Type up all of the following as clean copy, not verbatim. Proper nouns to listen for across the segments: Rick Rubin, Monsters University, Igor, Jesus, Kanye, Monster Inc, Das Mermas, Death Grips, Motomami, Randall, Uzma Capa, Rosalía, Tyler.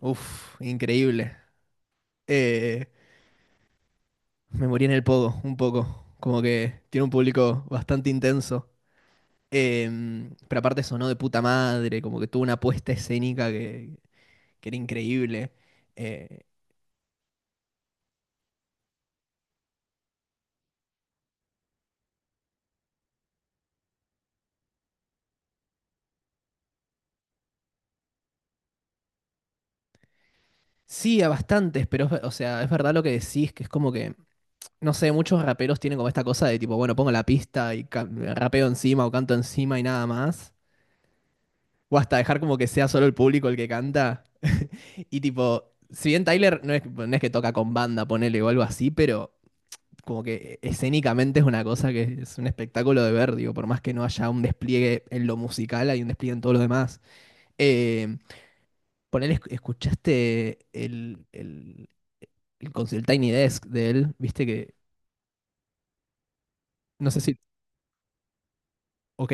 Uf, increíble. Eh, me morí en el pogo, un poco. Como que tiene un público bastante intenso. Pero aparte sonó de puta madre, como que tuvo una puesta escénica que era increíble. Eh, sí, a bastantes, pero o sea, es verdad lo que decís, que es como que, no sé, muchos raperos tienen como esta cosa de tipo, bueno, pongo la pista y rapeo encima o canto encima y nada más. O hasta dejar como que sea solo el público el que canta. Y tipo, si bien Tyler no es que toca con banda, ponele o algo así, pero como que escénicamente es una cosa que es un espectáculo de ver, digo, por más que no haya un despliegue en lo musical, hay un despliegue en todo lo demás. Eh, ponele, escuchaste el Tiny Desk de él, viste que, no sé si. Ok.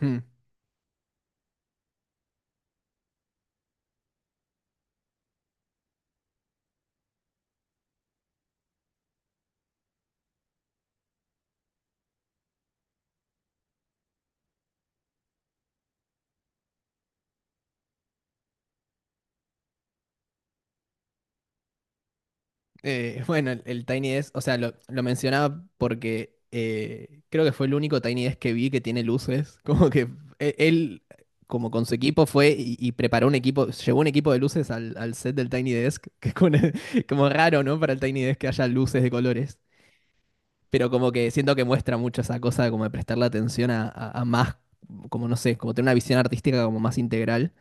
Hmm. Bueno, el Tiny Desk, o sea, lo mencionaba porque creo que fue el único Tiny Desk que vi que tiene luces. Como que él, como con su equipo, fue y preparó un equipo, llevó un equipo de luces al set del Tiny Desk, que es como, como raro, ¿no? Para el Tiny Desk que haya luces de colores. Pero como que siento que muestra mucho esa cosa de como de prestarle atención a más, como no sé, como tener una visión artística como más integral.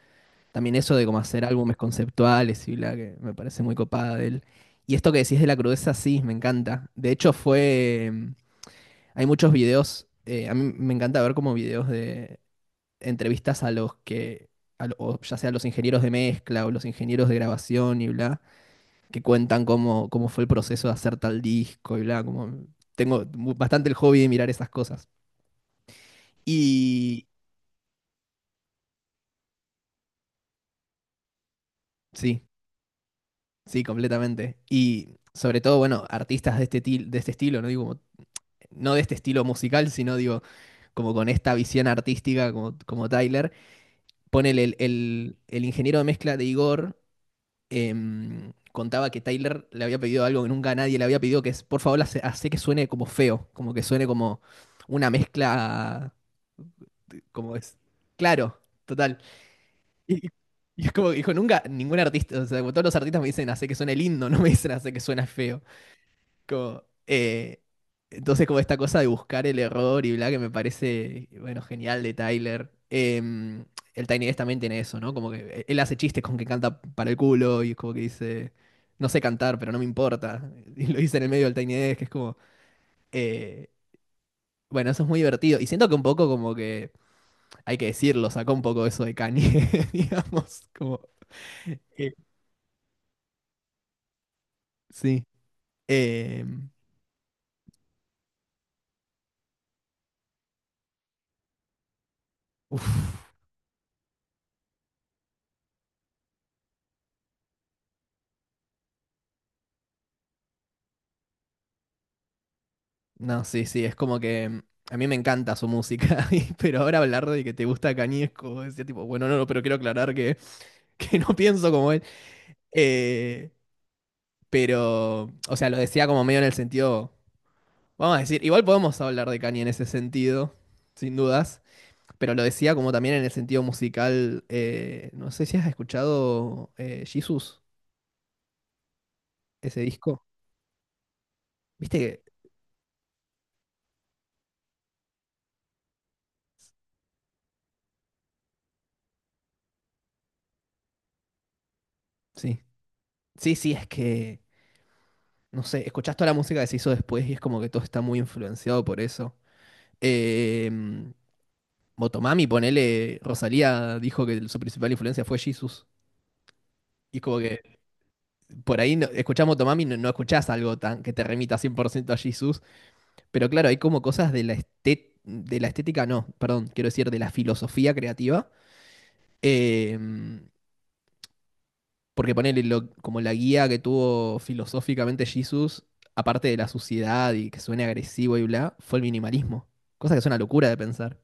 También eso de cómo hacer álbumes conceptuales y bla, que me parece muy copada de él. Y esto que decís de la crudeza, sí, me encanta. De hecho, fue. Hay muchos videos. A mí me encanta ver como videos de entrevistas a los que. O ya sea los ingenieros de mezcla o los ingenieros de grabación y bla, que cuentan cómo fue el proceso de hacer tal disco y bla. Como, bastante el hobby de mirar esas cosas. Y. Sí, sí, completamente. Y sobre todo, bueno, artistas de este estilo, ¿no? Digo, como no de este estilo musical, sino digo, como con esta visión artística como Tyler. Ponele, el ingeniero de mezcla de Igor, contaba que Tyler le había pedido algo que nunca nadie le había pedido, que es, por favor, hace que suene como feo, como que suene como una mezcla, como es, claro, total. Y, y- y es como que dijo, nunca, ningún artista, o sea, como todos los artistas me dicen, hace que suene lindo, no me dicen, hace que suene feo. Como, entonces, como esta cosa de buscar el error y bla, que me parece, bueno, genial de Tyler. El Tiny Desk también tiene eso, ¿no? Como que él hace chistes con que canta para el culo y es como que dice, no sé cantar, pero no me importa. Y lo dice en el medio del Tiny Desk, que es como, eh, bueno, eso es muy divertido. Y siento que un poco como que, hay que decirlo, sacó un poco eso de Kanye, digamos, como, eh, sí. Em, Uf. No, sí, sí, es como que a mí me encanta su música, pero ahora hablar de que te gusta Cañesco, decía tipo, bueno, no, no, pero quiero aclarar que, que no pienso como él. Eh, pero, o sea, lo decía como medio en el sentido, vamos a decir, igual podemos hablar de Kanye en ese sentido, sin dudas, pero lo decía como también en el sentido musical, no sé si has escuchado Jesus, ese disco, viste que, sí, sí, sí, es que, no sé, escuchás toda la música que se hizo después y es como que todo está muy influenciado por eso. Eh, Motomami, ponele, Rosalía dijo que su principal influencia fue Jesus. Y es como que por ahí no, escuchás Motomami, no, no escuchás algo tan que te remita 100% a Jesus. Pero claro, hay como cosas de de la estética, no, perdón, quiero decir, de la filosofía creativa. eh, porque ponele como la guía que tuvo filosóficamente Jesus, aparte de la suciedad y que suene agresivo y bla, fue el minimalismo. Cosa que es una locura de pensar.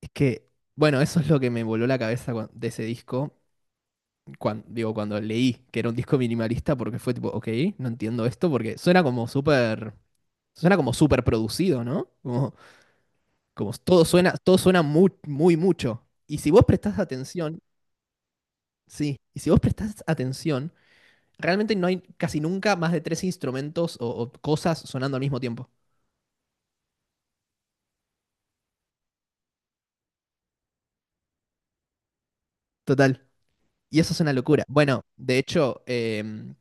Es que, bueno, eso es lo que me voló la cabeza de ese disco, cuando, digo, cuando leí que era un disco minimalista, porque fue tipo, ok, no entiendo esto, porque suena como súper producido, ¿no? Como, todo suena muy, muy mucho. Y si vos prestás atención, sí, y si vos prestás atención, realmente no hay casi nunca más de 3 instrumentos o cosas sonando al mismo tiempo. Total. Y eso es una locura. Bueno, de hecho,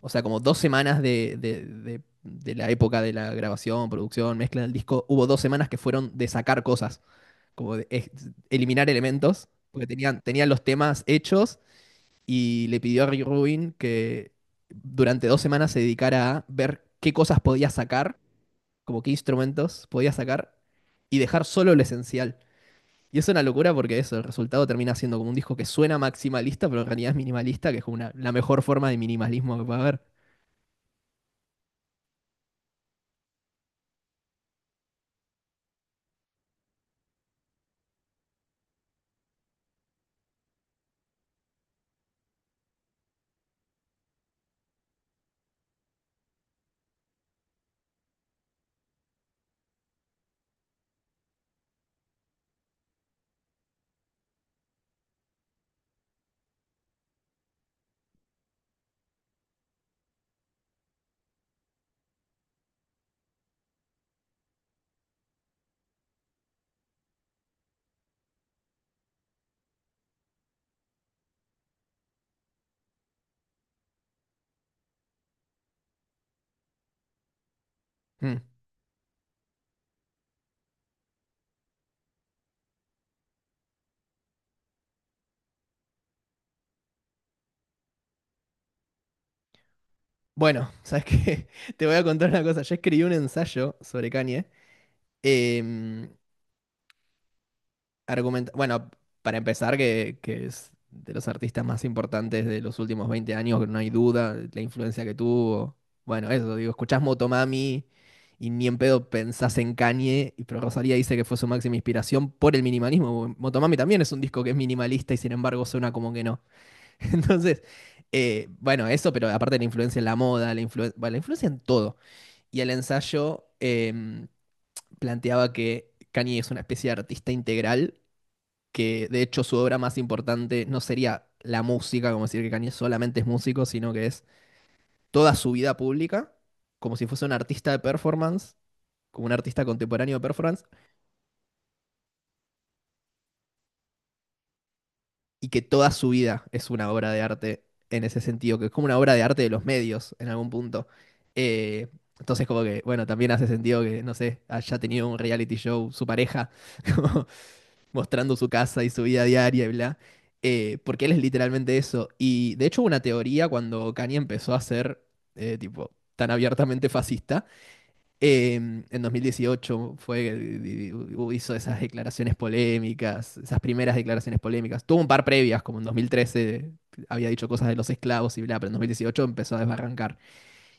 o sea, como 2 semanas de la época de la grabación, producción, mezcla del disco, hubo 2 semanas que fueron de sacar cosas, como de eliminar elementos, porque tenían los temas hechos y le pidió a Rick Rubin que durante 2 semanas se dedicara a ver qué cosas podía sacar, como qué instrumentos podía sacar y dejar solo lo esencial. Y es una locura porque eso, el resultado termina siendo como un disco que suena maximalista, pero en realidad es minimalista, que es como la mejor forma de minimalismo que puede haber. Mm. Bueno, ¿sabes qué? Te voy a contar una cosa. Yo escribí un ensayo sobre Kanye. em, bueno, para empezar, que es de los artistas más importantes de los últimos 20 años, que no hay duda, la influencia que tuvo. Bueno, eso, digo, escuchás Motomami y ni en pedo pensás en Kanye, pero Rosalía dice que fue su máxima inspiración por el minimalismo. Motomami también es un disco que es minimalista y sin embargo suena como que no. Entonces, bueno, eso, pero aparte la influencia en la moda, bueno, la influencia en todo y el ensayo planteaba que Kanye es una especie de artista integral, que de hecho su obra más importante no sería la música, como decir que Kanye solamente es músico, sino que es toda su vida pública, como si fuese un artista de performance, como un artista contemporáneo de performance, y que toda su vida es una obra de arte en ese sentido, que es como una obra de arte de los medios en algún punto. Eh, entonces como que, bueno, también hace sentido que, no sé, haya tenido un reality show su pareja, como mostrando su casa y su vida diaria y bla, porque él es literalmente eso. Y de hecho hubo una teoría cuando Kanye empezó a ser tipo tan abiertamente fascista, en 2018 fue, hizo esas declaraciones polémicas, esas primeras declaraciones polémicas. Tuvo un par previas, como en 2013 había dicho cosas de los esclavos y bla, pero en 2018 empezó a desbarrancar.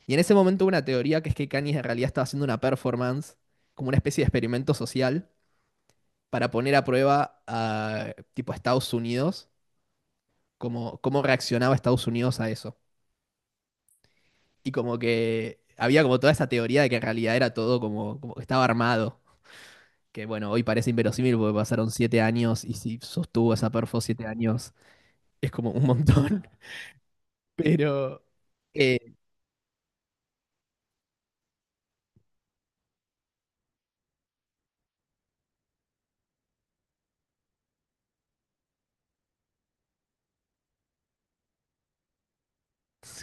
Y en ese momento hubo una teoría que es que Kanye en realidad estaba haciendo una performance, como una especie de experimento social, para poner a prueba a tipo a Estados Unidos, cómo reaccionaba Estados Unidos a eso. Y como que había como toda esa teoría de que en realidad era todo como, como que estaba armado. Que bueno, hoy parece inverosímil porque pasaron 7 años y si sostuvo esa perfo 7 años es como un montón. Pero eh,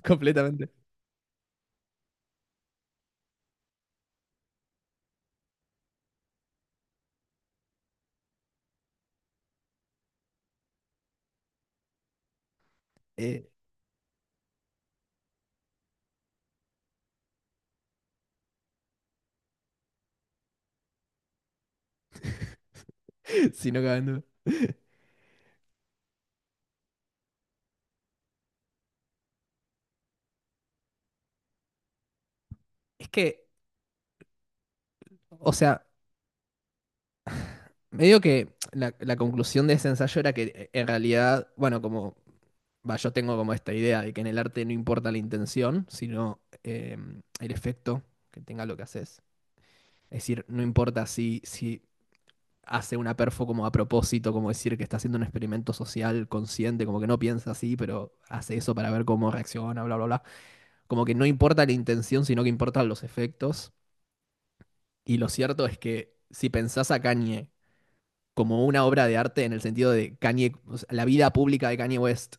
completamente. Eh, si no cabe en duda. Es que, o sea, medio que la conclusión de ese ensayo era que en realidad, bueno, como va, yo tengo como esta idea de que en el arte no importa la intención, sino el efecto que tenga lo que haces. Es decir, no importa si hace una perfo como a propósito, como decir que está haciendo un experimento social consciente, como que no piensa así, pero hace eso para ver cómo reacciona, bla, bla, bla. Como que no importa la intención, sino que importan los efectos. Y lo cierto es que si pensás a Kanye como una obra de arte en el sentido de Kanye, o sea, la vida pública de Kanye West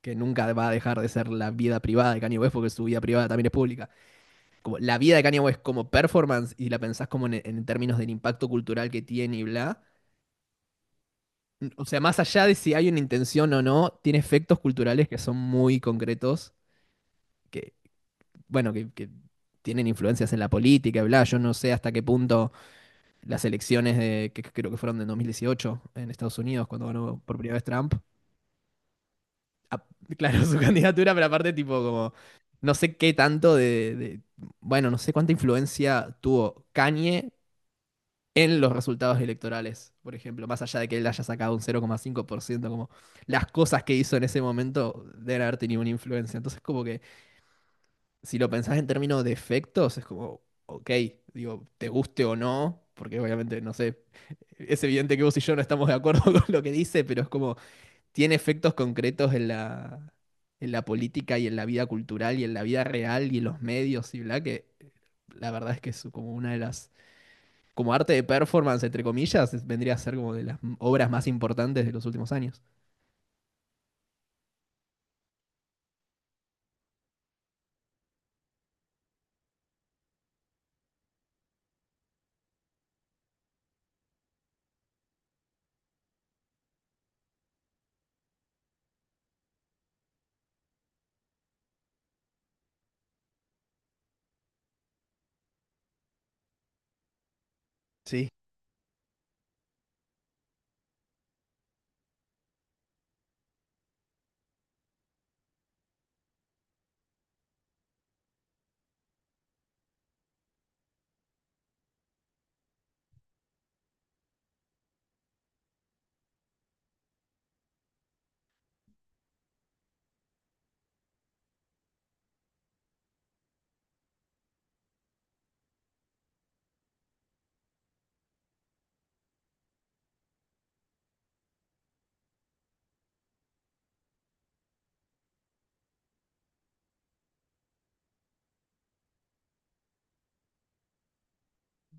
que nunca va a dejar de ser la vida privada de Kanye West, porque su vida privada también es pública. Como la vida de Kanye West como performance, y la pensás como en términos del impacto cultural que tiene y bla. O sea, más allá de si hay una intención o no, tiene efectos culturales que son muy concretos, que, bueno, que tienen influencias en la política y bla. Yo no sé hasta qué punto las elecciones que creo que fueron de 2018 en Estados Unidos, cuando ganó por primera vez Trump, a- claro, su candidatura, pero aparte, tipo, como, no sé qué tanto bueno, no sé cuánta influencia tuvo Kanye en los resultados electorales, por ejemplo, más allá de que él haya sacado un 0,5%, como las cosas que hizo en ese momento deben haber tenido una influencia. Entonces, como que, si lo pensás en términos de efectos, es como, ok, digo, te guste o no, porque obviamente, no sé, es evidente que vos y yo no estamos de acuerdo con lo que dice, pero es como tiene efectos concretos en la, política y en la vida cultural y en la vida real y en los medios y bla, que la verdad es que es como una de las, como arte de performance, entre comillas, vendría a ser como de las obras más importantes de los últimos años. Sí,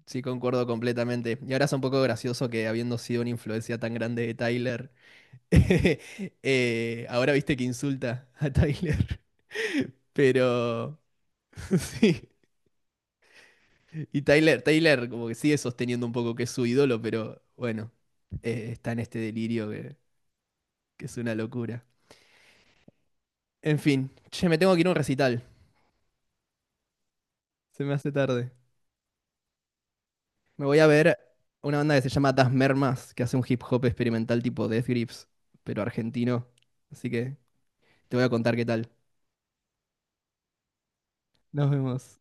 sí, concuerdo completamente. Y ahora es un poco gracioso que habiendo sido una influencia tan grande de Tyler, ahora viste que insulta a Tyler. Pero sí, y Tyler como que sigue sosteniendo un poco que es su ídolo, pero bueno, está en este delirio que es una locura. En fin, che, me tengo que ir a un recital. Se me hace tarde. Me voy a ver una banda que se llama Das Mermas, que hace un hip hop experimental tipo Death Grips, pero argentino. Así que te voy a contar qué tal. Nos vemos.